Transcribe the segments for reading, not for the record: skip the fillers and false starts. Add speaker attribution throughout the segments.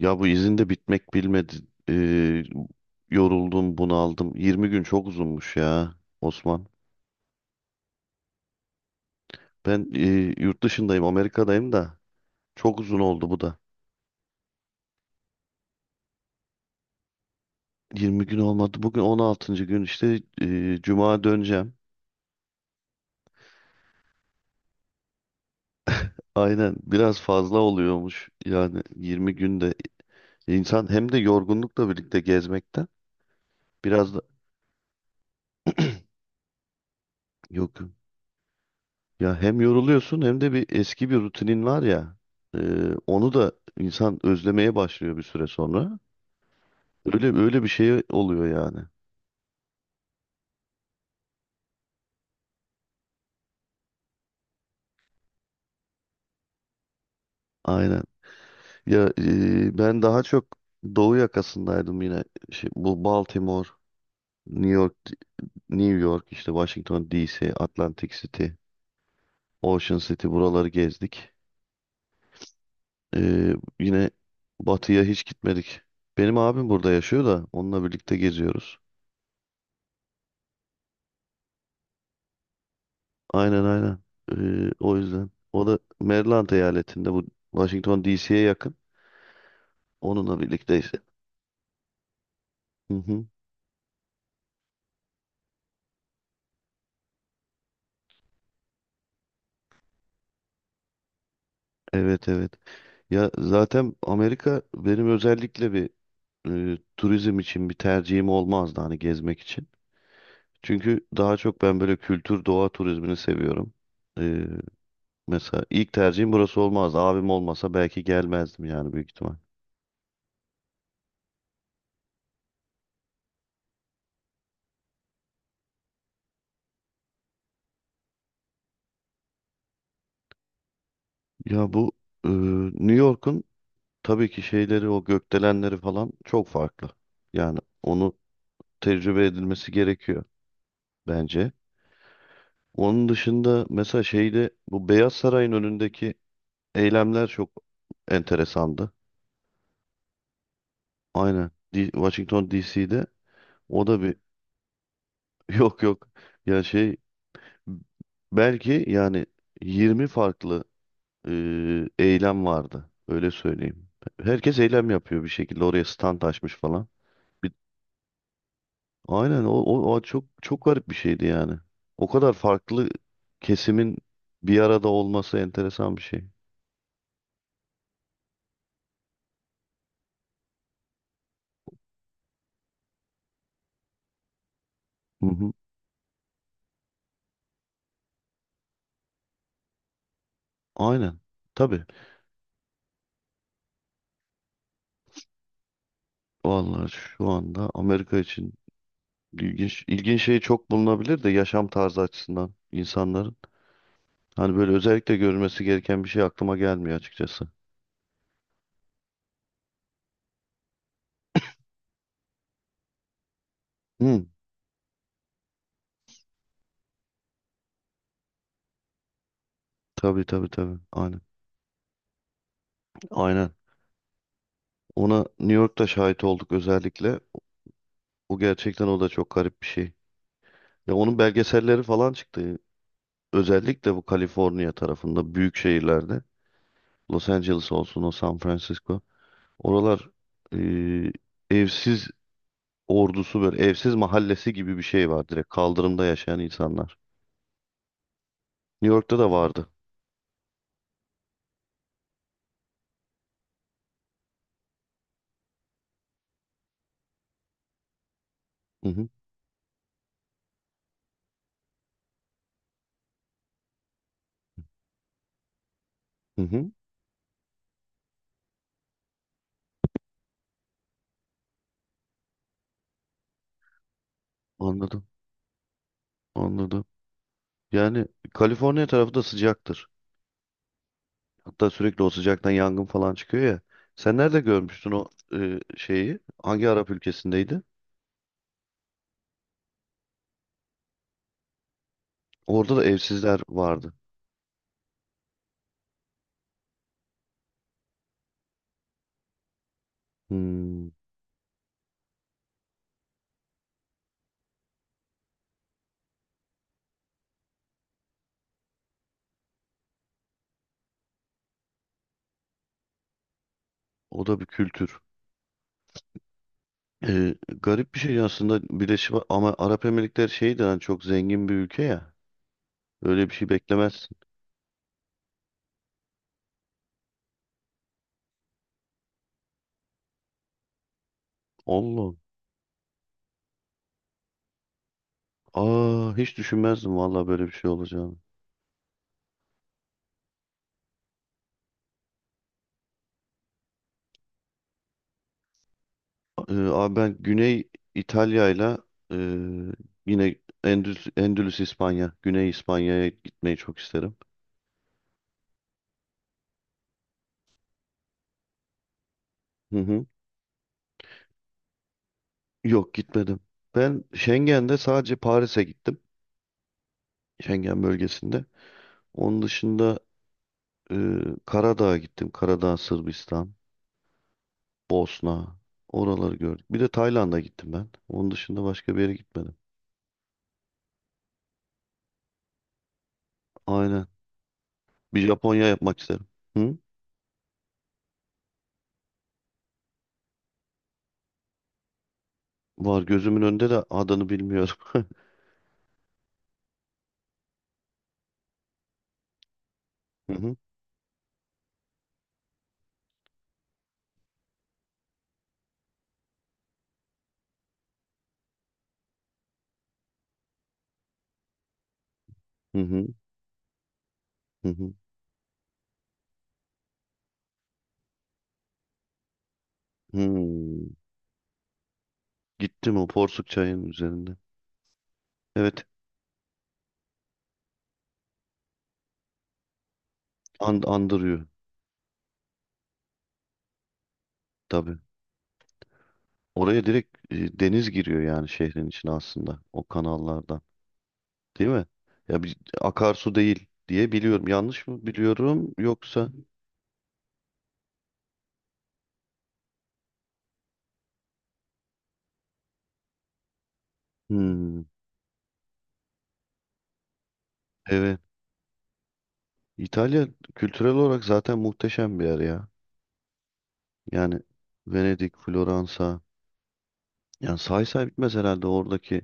Speaker 1: Ya bu izin de bitmek bilmedi. Ee, Yoruldum, bunaldım. 20 gün çok uzunmuş ya Osman. Ben yurt dışındayım, Amerika'dayım da çok uzun oldu bu da. 20 gün olmadı. Bugün 16. gün işte Cuma döneceğim. Aynen, biraz fazla oluyormuş. Yani 20 günde insan hem de yorgunlukla birlikte gezmekten biraz da yok. Ya hem yoruluyorsun hem de bir eski bir rutinin var ya. e, Onu da insan özlemeye başlıyor bir süre sonra. Öyle öyle bir şey oluyor yani. Aynen. Ya ben daha çok Doğu yakasındaydım yine. Şey, bu Baltimore, New York, New York, işte Washington DC, Atlantic City, Ocean City buraları gezdik. E, Yine batıya hiç gitmedik. Benim abim burada yaşıyor da onunla birlikte geziyoruz. Aynen, aynen. E, o yüzden. O da Maryland eyaletinde, bu Washington DC'ye yakın. Onunla birlikteyiz. Hı hı. Evet, evet. Ya zaten Amerika benim özellikle bir turizm için bir tercihim olmazdı, hani gezmek için. Çünkü daha çok ben böyle kültür doğa turizmini seviyorum. E, Mesela ilk tercihim burası olmazdı. Abim olmasa belki gelmezdim yani, büyük ihtimal. Ya bu e, New York'un tabii ki şeyleri, o gökdelenleri falan çok farklı. Yani onu tecrübe edilmesi gerekiyor bence. Onun dışında mesela şeyde, bu Beyaz Saray'ın önündeki eylemler çok enteresandı. Aynen. Washington DC'de o da bir yok, yok. Ya şey, belki yani 20 farklı e, eylem vardı. Öyle söyleyeyim. Herkes eylem yapıyor bir şekilde. Oraya stand açmış falan. Bir, aynen o çok çok garip bir şeydi yani. O kadar farklı kesimin bir arada olması enteresan bir şey. Hı hı. Aynen. Tabii. Vallahi şu anda Amerika için İlginç, ilginç şey çok bulunabilir de, yaşam tarzı açısından insanların. Hani böyle özellikle görülmesi gereken bir şey aklıma gelmiyor açıkçası. Hı, tabii, tabii, tabii. Aynen. Aynen. Ona New York'ta şahit olduk özellikle. O gerçekten, o da çok garip bir şey. Ya onun belgeselleri falan çıktı. Özellikle bu Kaliforniya tarafında büyük şehirlerde. Los Angeles olsun, o San Francisco. Oralar eee, evsiz ordusu, böyle evsiz mahallesi gibi bir şey var, direkt kaldırımda yaşayan insanlar. New York'ta da vardı. Hı hı, hı hı. Anladım, anladım. Yani Kaliforniya tarafı da sıcaktır. Hatta sürekli o sıcaktan yangın falan çıkıyor ya. Sen nerede görmüştün o şeyi? Hangi Arap ülkesindeydi? Orada da evsizler vardı. Hmm, o da bir kültür. E, Garip bir şey aslında Birleşik ama Arap Emirlikleri şeyden, yani çok zengin bir ülke ya. Öyle bir şey beklemezsin. Allah. Aa, hiç düşünmezdim vallahi böyle bir şey olacağını. Abi ben Güney İtalya'yla ile e, yine Endülüs İspanya, Güney İspanya'ya gitmeyi çok isterim. Hı hı. Yok, gitmedim. Ben Schengen'de sadece Paris'e gittim. Schengen bölgesinde. Onun dışında e, Karadağ'a gittim. Karadağ, Sırbistan, Bosna. Oraları gördük. Bir de Tayland'a gittim ben. Onun dışında başka bir yere gitmedim. Aynen. Bir Japonya yapmak isterim. Hı? Var gözümün önünde de adını bilmiyorum. Hı hı. Hı hı. Hı hı. Hmm. Gittim, o porsuk çayının üzerinde. Evet, andırıyor tabii. Oraya direkt deniz giriyor yani şehrin içine, aslında o kanallardan. Değil mi? Ya bir akarsu değil diye biliyorum. Yanlış mı biliyorum yoksa? Hmm, evet. İtalya kültürel olarak zaten muhteşem bir yer ya. Yani Venedik, Floransa. Yani say say bitmez herhalde oradaki,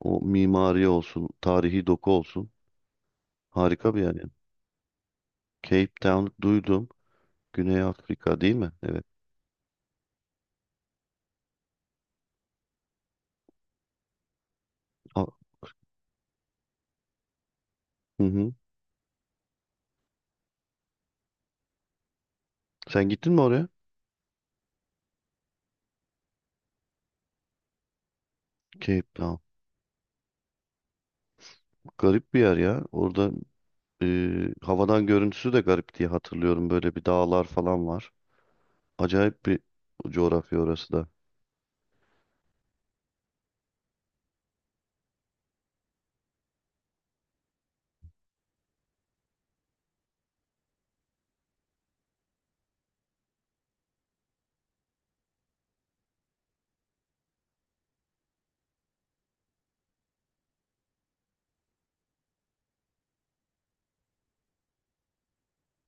Speaker 1: o mimari olsun, tarihi doku olsun. Harika bir yer yani. Cape Town duydum. Güney Afrika değil mi? Evet. A- Hı hı. Sen gittin mi oraya? Cape Town. Garip bir yer ya. Orada e, havadan görüntüsü de garip diye hatırlıyorum. Böyle bir dağlar falan var. Acayip bir coğrafya orası da.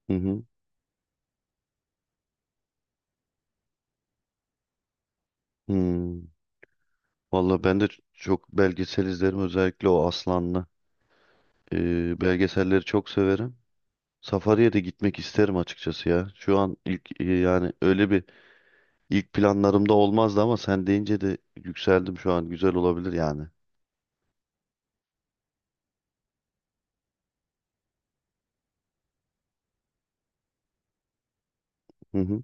Speaker 1: Hı hı. Hmm. Valla ben de çok belgesel izlerim. Özellikle o Aslanlı. Belgeselleri çok severim. Safari'ye de gitmek isterim açıkçası ya. Şu an ilk yani öyle bir ilk planlarımda olmazdı ama sen deyince de yükseldim şu an. Güzel olabilir yani. Hı hı.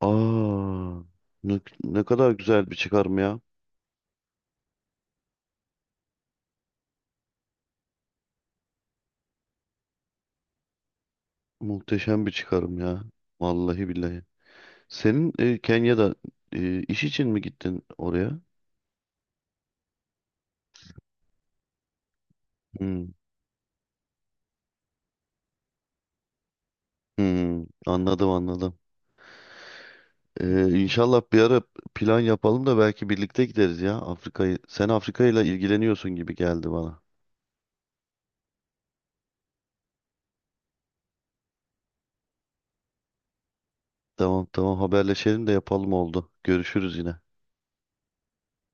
Speaker 1: Aa, ne kadar güzel bir çıkarım ya. Muhteşem bir çıkarım ya. Vallahi billahi. Senin Kenya'da iş için mi gittin oraya? Hmm, hmm, anladım, anladım. İnşallah bir ara plan yapalım da belki birlikte gideriz ya, Afrika'yı. Sen Afrika ile ilgileniyorsun gibi geldi bana. Tamam, tamam, haberleşelim de yapalım, oldu. Görüşürüz yine.